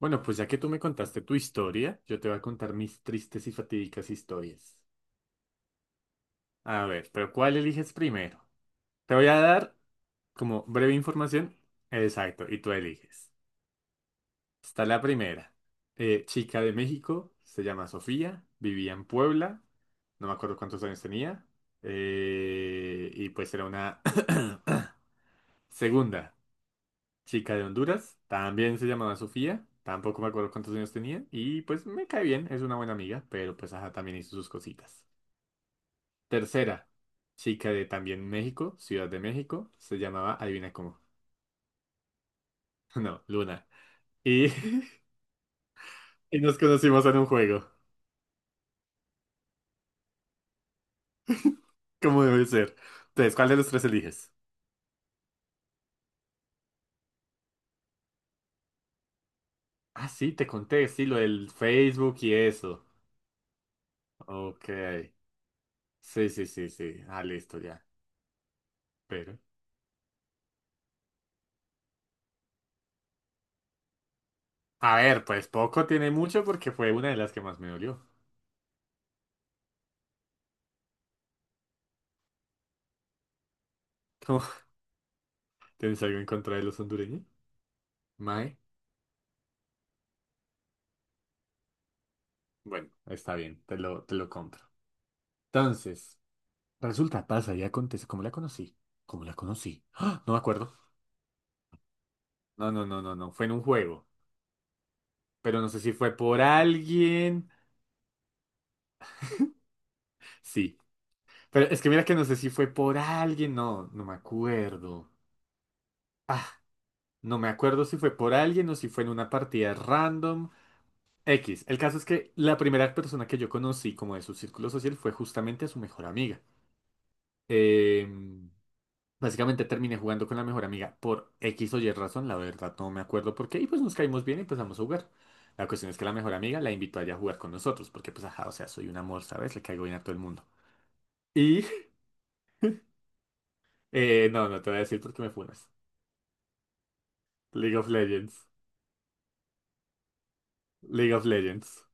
Bueno, pues ya que tú me contaste tu historia, yo te voy a contar mis tristes y fatídicas historias. A ver, pero ¿cuál eliges primero? Te voy a dar como breve información. Exacto, y tú eliges. Está la primera. Chica de México, se llama Sofía, vivía en Puebla, no me acuerdo cuántos años tenía, y pues era una... Segunda. Chica de Honduras, también se llamaba Sofía, tampoco me acuerdo cuántos años tenía, y pues me cae bien, es una buena amiga, pero pues ajá, también hizo sus cositas. Tercera, chica de también México, Ciudad de México, se llamaba, adivina cómo, no, Luna. Y, y nos conocimos en un juego, como debe ser. Entonces, ¿cuál de los tres eliges? Ah, sí, te conté, sí, lo del Facebook y eso. Ok, sí, sí, sí, sí, ah, listo ya, pero... A ver, pues poco tiene mucho porque fue una de las que más me dolió. ¿Tienes algo en contra de los hondureños? Mae, bueno, está bien, te lo compro. Entonces, resulta, pasa y acontece. ¿Cómo la conocí? ¿Cómo la conocí? ¡Ah! No me acuerdo. No, no, no, no, no. Fue en un juego. Pero no sé si fue por alguien. Sí. Pero es que mira que no sé si fue por alguien. No, no me acuerdo. Ah, no me acuerdo si fue por alguien o si fue en una partida random. X. El caso es que la primera persona que yo conocí como de su círculo social fue justamente a su mejor amiga. Eh. Básicamente terminé jugando con la mejor amiga por X o Y razón, la verdad no me acuerdo por qué, y pues nos caímos bien y empezamos a jugar. La cuestión es que la mejor amiga la invitó a ella a jugar con nosotros, porque pues ajá, o sea, soy un amor, ¿sabes? Le caigo bien a todo el mundo. Y, no, no te voy a decir por qué me funas. League of Legends. League of Legends.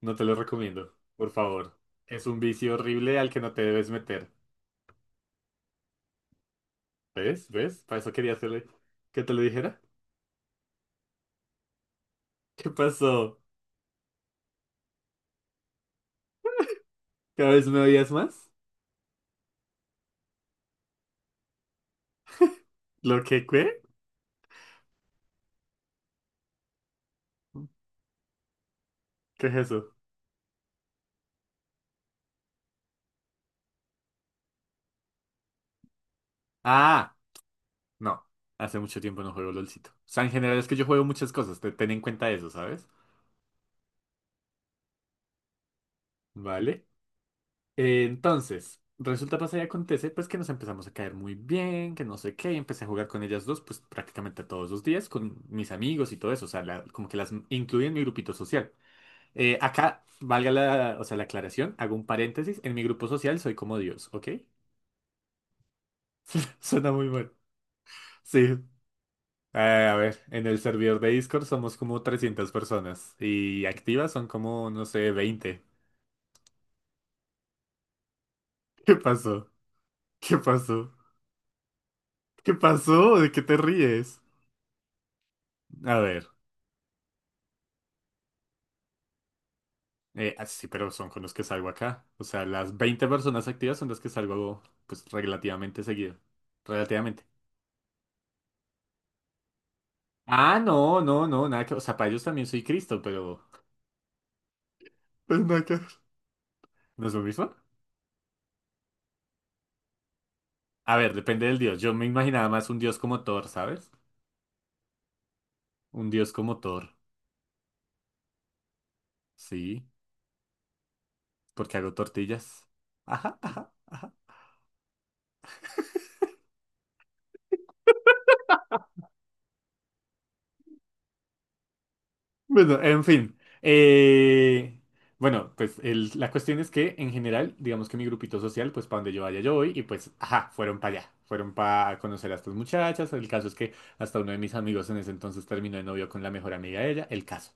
No te lo recomiendo, por favor. Es un vicio horrible al que no te debes meter. ¿Ves? ¿Ves? Para eso quería hacerle que te lo dijera. ¿Qué pasó? ¿Cada vez me odias más? ¿Lo que qué? ¿Qué es eso? Ah. No, hace mucho tiempo no juego LOLcito. O sea, en general es que yo juego muchas cosas, ten en cuenta eso, ¿sabes? Vale. Entonces, resulta, pasa y acontece, pues que nos empezamos a caer muy bien, que no sé qué, y empecé a jugar con ellas dos, pues prácticamente todos los días, con mis amigos y todo eso, o sea, como que las incluí en mi grupito social. Acá, valga la, o sea, la aclaración, hago un paréntesis, en mi grupo social soy como Dios, ¿ok? Suena muy mal. Sí, a ver, en el servidor de Discord somos como 300 personas y activas son como, no sé, 20. ¿Qué pasó? ¿Qué pasó? ¿Qué pasó? ¿De qué te ríes? A ver, sí, pero son con los que salgo acá. O sea, las 20 personas activas son las que salgo, pues, relativamente seguido. Relativamente. Ah, no, no, no, nada que... O sea, para ellos también soy Cristo, pero... Pues nada que ver. ¿No es lo mismo? A ver, depende del dios. Yo me imaginaba más un dios como Thor, ¿sabes? Un dios como Thor. Sí. Porque hago tortillas. Ajá, ajá, ajá. Bueno, en fin. Bueno, pues la cuestión es que en general, digamos que mi grupito social, pues para donde yo vaya yo voy y pues, ajá, fueron para allá. Fueron para conocer a estas muchachas. El caso es que hasta uno de mis amigos en ese entonces terminó de novio con la mejor amiga de ella. El caso.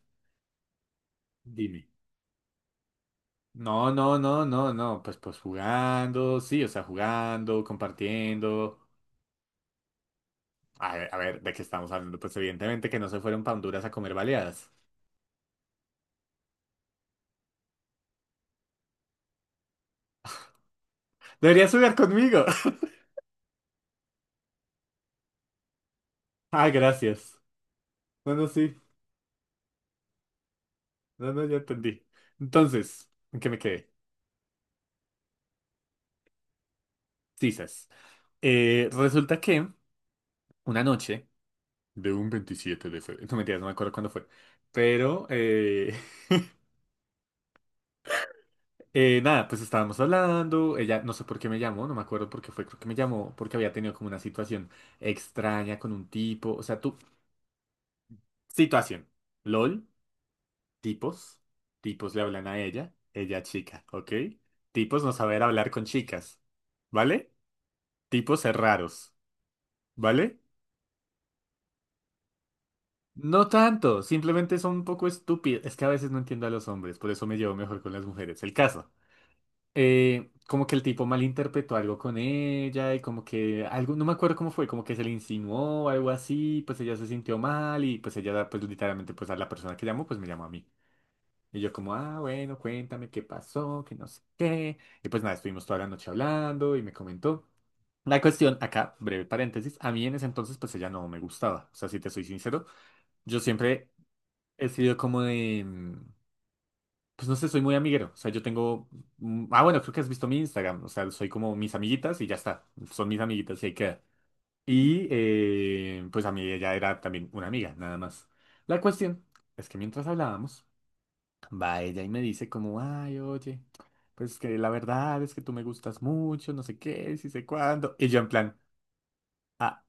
Dime. No, no, no, no, no. Pues, pues jugando, sí, o sea, jugando, compartiendo. A ver, ¿de qué estamos hablando? Pues evidentemente que no se fueron para Honduras a comer baleadas. Deberías jugar conmigo. Ah, gracias. No, no, sí. No, no, ya entendí. Entonces, ¿en qué me quedé? Sisas. Resulta que una noche de un 27 de febrero, no mentiras, no me acuerdo cuándo fue, pero nada, pues estábamos hablando, ella no sé por qué me llamó, no me acuerdo por qué fue, creo que me llamó porque había tenido como una situación extraña con un tipo, o sea, tú, situación, LOL, tipos, tipos le hablan a ella, ella chica, ¿ok? Tipos no saber hablar con chicas, ¿vale? Tipos raros, ¿vale? No tanto, simplemente son un poco estúpidos. Es que a veces no entiendo a los hombres, por eso me llevo mejor con las mujeres. El caso. Como que el tipo malinterpretó algo con ella y como que algo, no me acuerdo cómo fue, como que se le insinuó algo así, pues ella se sintió mal y pues ella, pues literalmente, pues a la persona que llamó, pues me llamó a mí. Y yo como, ah, bueno, cuéntame qué pasó, que no sé qué. Y pues nada, estuvimos toda la noche hablando y me comentó. La cuestión, acá, breve paréntesis, a mí en ese entonces pues ella no me gustaba. O sea, si te soy sincero, yo siempre he sido como de, pues no sé, soy muy amiguero. O sea, yo tengo, ah bueno, creo que has visto mi Instagram. O sea, soy como mis amiguitas y ya está. Son mis amiguitas y ahí queda. Y pues a mí ella era también una amiga, nada más. La cuestión es que mientras hablábamos, va ella y me dice como, ay, oye, pues que la verdad es que tú me gustas mucho, no sé qué, si sé cuándo. Y yo en plan... ah,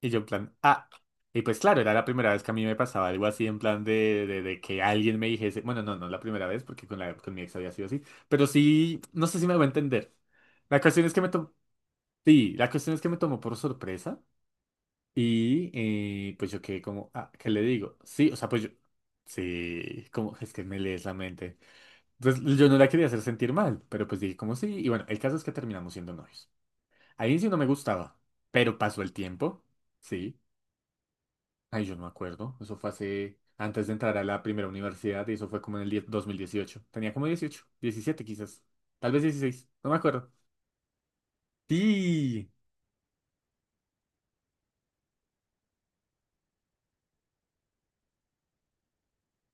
Y yo en plan, ah. Y pues claro, era la primera vez que a mí me pasaba algo así en plan de, que alguien me dijese, bueno, no, no la primera vez porque con mi ex había sido así, pero sí, no sé si me voy a entender. La cuestión es que me tomó, sí, la cuestión es que me tomó por sorpresa y pues yo quedé como, ah, ¿qué le digo? Sí, o sea, pues yo, sí, como, es que me lees la mente. Entonces yo no la quería hacer sentir mal, pero pues dije como sí, y bueno, el caso es que terminamos siendo novios. Al inicio no me gustaba, pero pasó el tiempo, sí. Ay, yo no me acuerdo. Eso fue hace, antes de entrar a la primera universidad y eso fue como en el 2018. Tenía como 18, 17, quizás. Tal vez 16. No me acuerdo. Sí.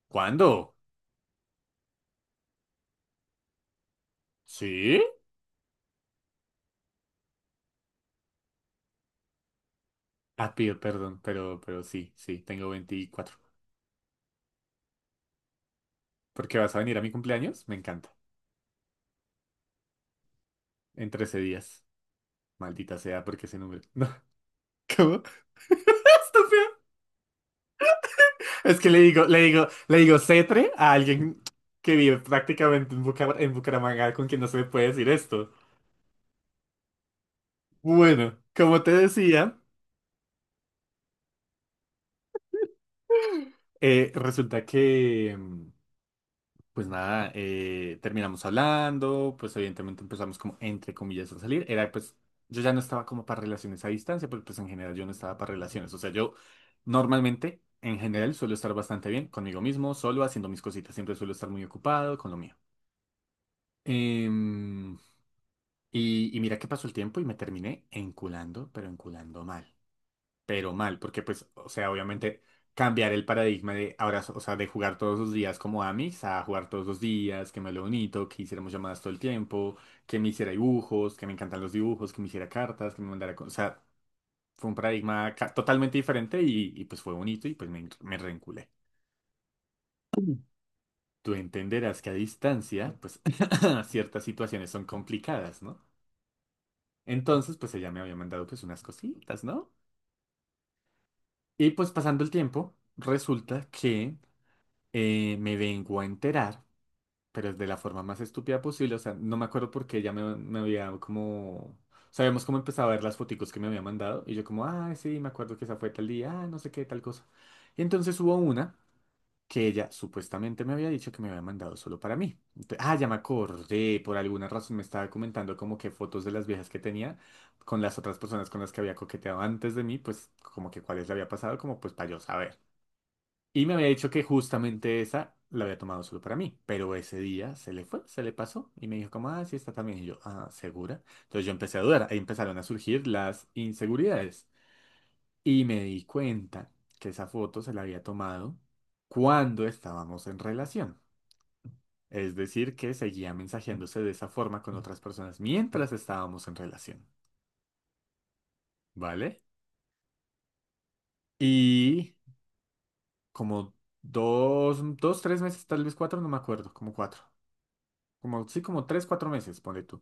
¿Cuándo? ¿Sí? Ah, pido perdón, pero sí, sí, tengo 24. ¿Por qué vas a venir a mi cumpleaños? Me encanta. En 13 días. Maldita sea, porque ese número. No. ¿Cómo? Estúpido. Es que le digo, le digo, le digo cetre a alguien que vive prácticamente en Bucaramanga con quien no se le puede decir esto. Bueno, como te decía, resulta que, pues nada, terminamos hablando, pues evidentemente empezamos como entre comillas a salir. Era pues, yo ya no estaba como para relaciones a distancia, porque pues en general yo no estaba para relaciones. O sea, yo normalmente, en general, suelo estar bastante bien conmigo mismo, solo haciendo mis cositas. Siempre suelo estar muy ocupado con lo mío. Em, y mira que pasó el tiempo y me terminé enculando, pero enculando mal. Pero mal, porque pues, o sea, obviamente cambiar el paradigma de ahora, o sea, de jugar todos los días como Amis a jugar todos los días, que me lo bonito, que hiciéramos llamadas todo el tiempo, que me hiciera dibujos, que me encantan los dibujos, que me hiciera cartas, que me mandara, o sea, fue un paradigma totalmente diferente pues fue bonito y pues me reenculé. Tú entenderás que a distancia, pues ciertas situaciones son complicadas, ¿no? Entonces, pues ella me había mandado pues unas cositas, ¿no? Y pues pasando el tiempo, resulta que me vengo a enterar, pero es de la forma más estúpida posible. O sea, no me acuerdo por qué ella me había como... Sabemos cómo empezaba a ver las foticos que me había mandado. Y yo como, ah, sí, me acuerdo que esa fue tal día, ah, no sé qué, tal cosa. Y entonces hubo una que ella supuestamente me había dicho que me había mandado solo para mí. Ah, ya me acordé. Por alguna razón me estaba comentando como que fotos de las viejas que tenía con las otras personas con las que había coqueteado antes de mí, pues como que cuáles le había pasado, como pues para yo saber. Y me había dicho que justamente esa la había tomado solo para mí, pero ese día se le fue, se le pasó y me dijo como, ah, sí, está también. Y yo, ah, ¿segura? Entonces yo empecé a dudar, ahí empezaron a surgir las inseguridades. Y me di cuenta que esa foto se la había tomado cuando estábamos en relación. Es decir, que seguía mensajeándose de esa forma con otras personas mientras estábamos en relación, ¿vale? Y como dos, dos, tres meses, tal vez cuatro, no me acuerdo, como cuatro. Como, sí, como tres, cuatro meses, ponle tú.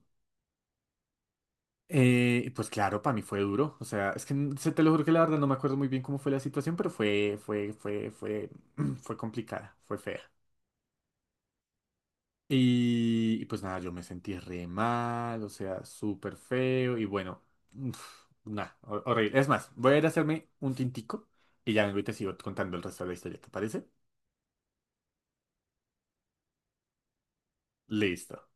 Pues claro, para mí fue duro. O sea, es que se te lo juro que la verdad no me acuerdo muy bien cómo fue la situación, pero fue complicada, fue fea. Y pues nada, yo me sentí re mal, o sea, súper feo y bueno, uf, nada, horrible. Es más, voy a ir a hacerme un tintico y ya vengo y te sigo contando el resto de la historia, ¿te parece? Listo.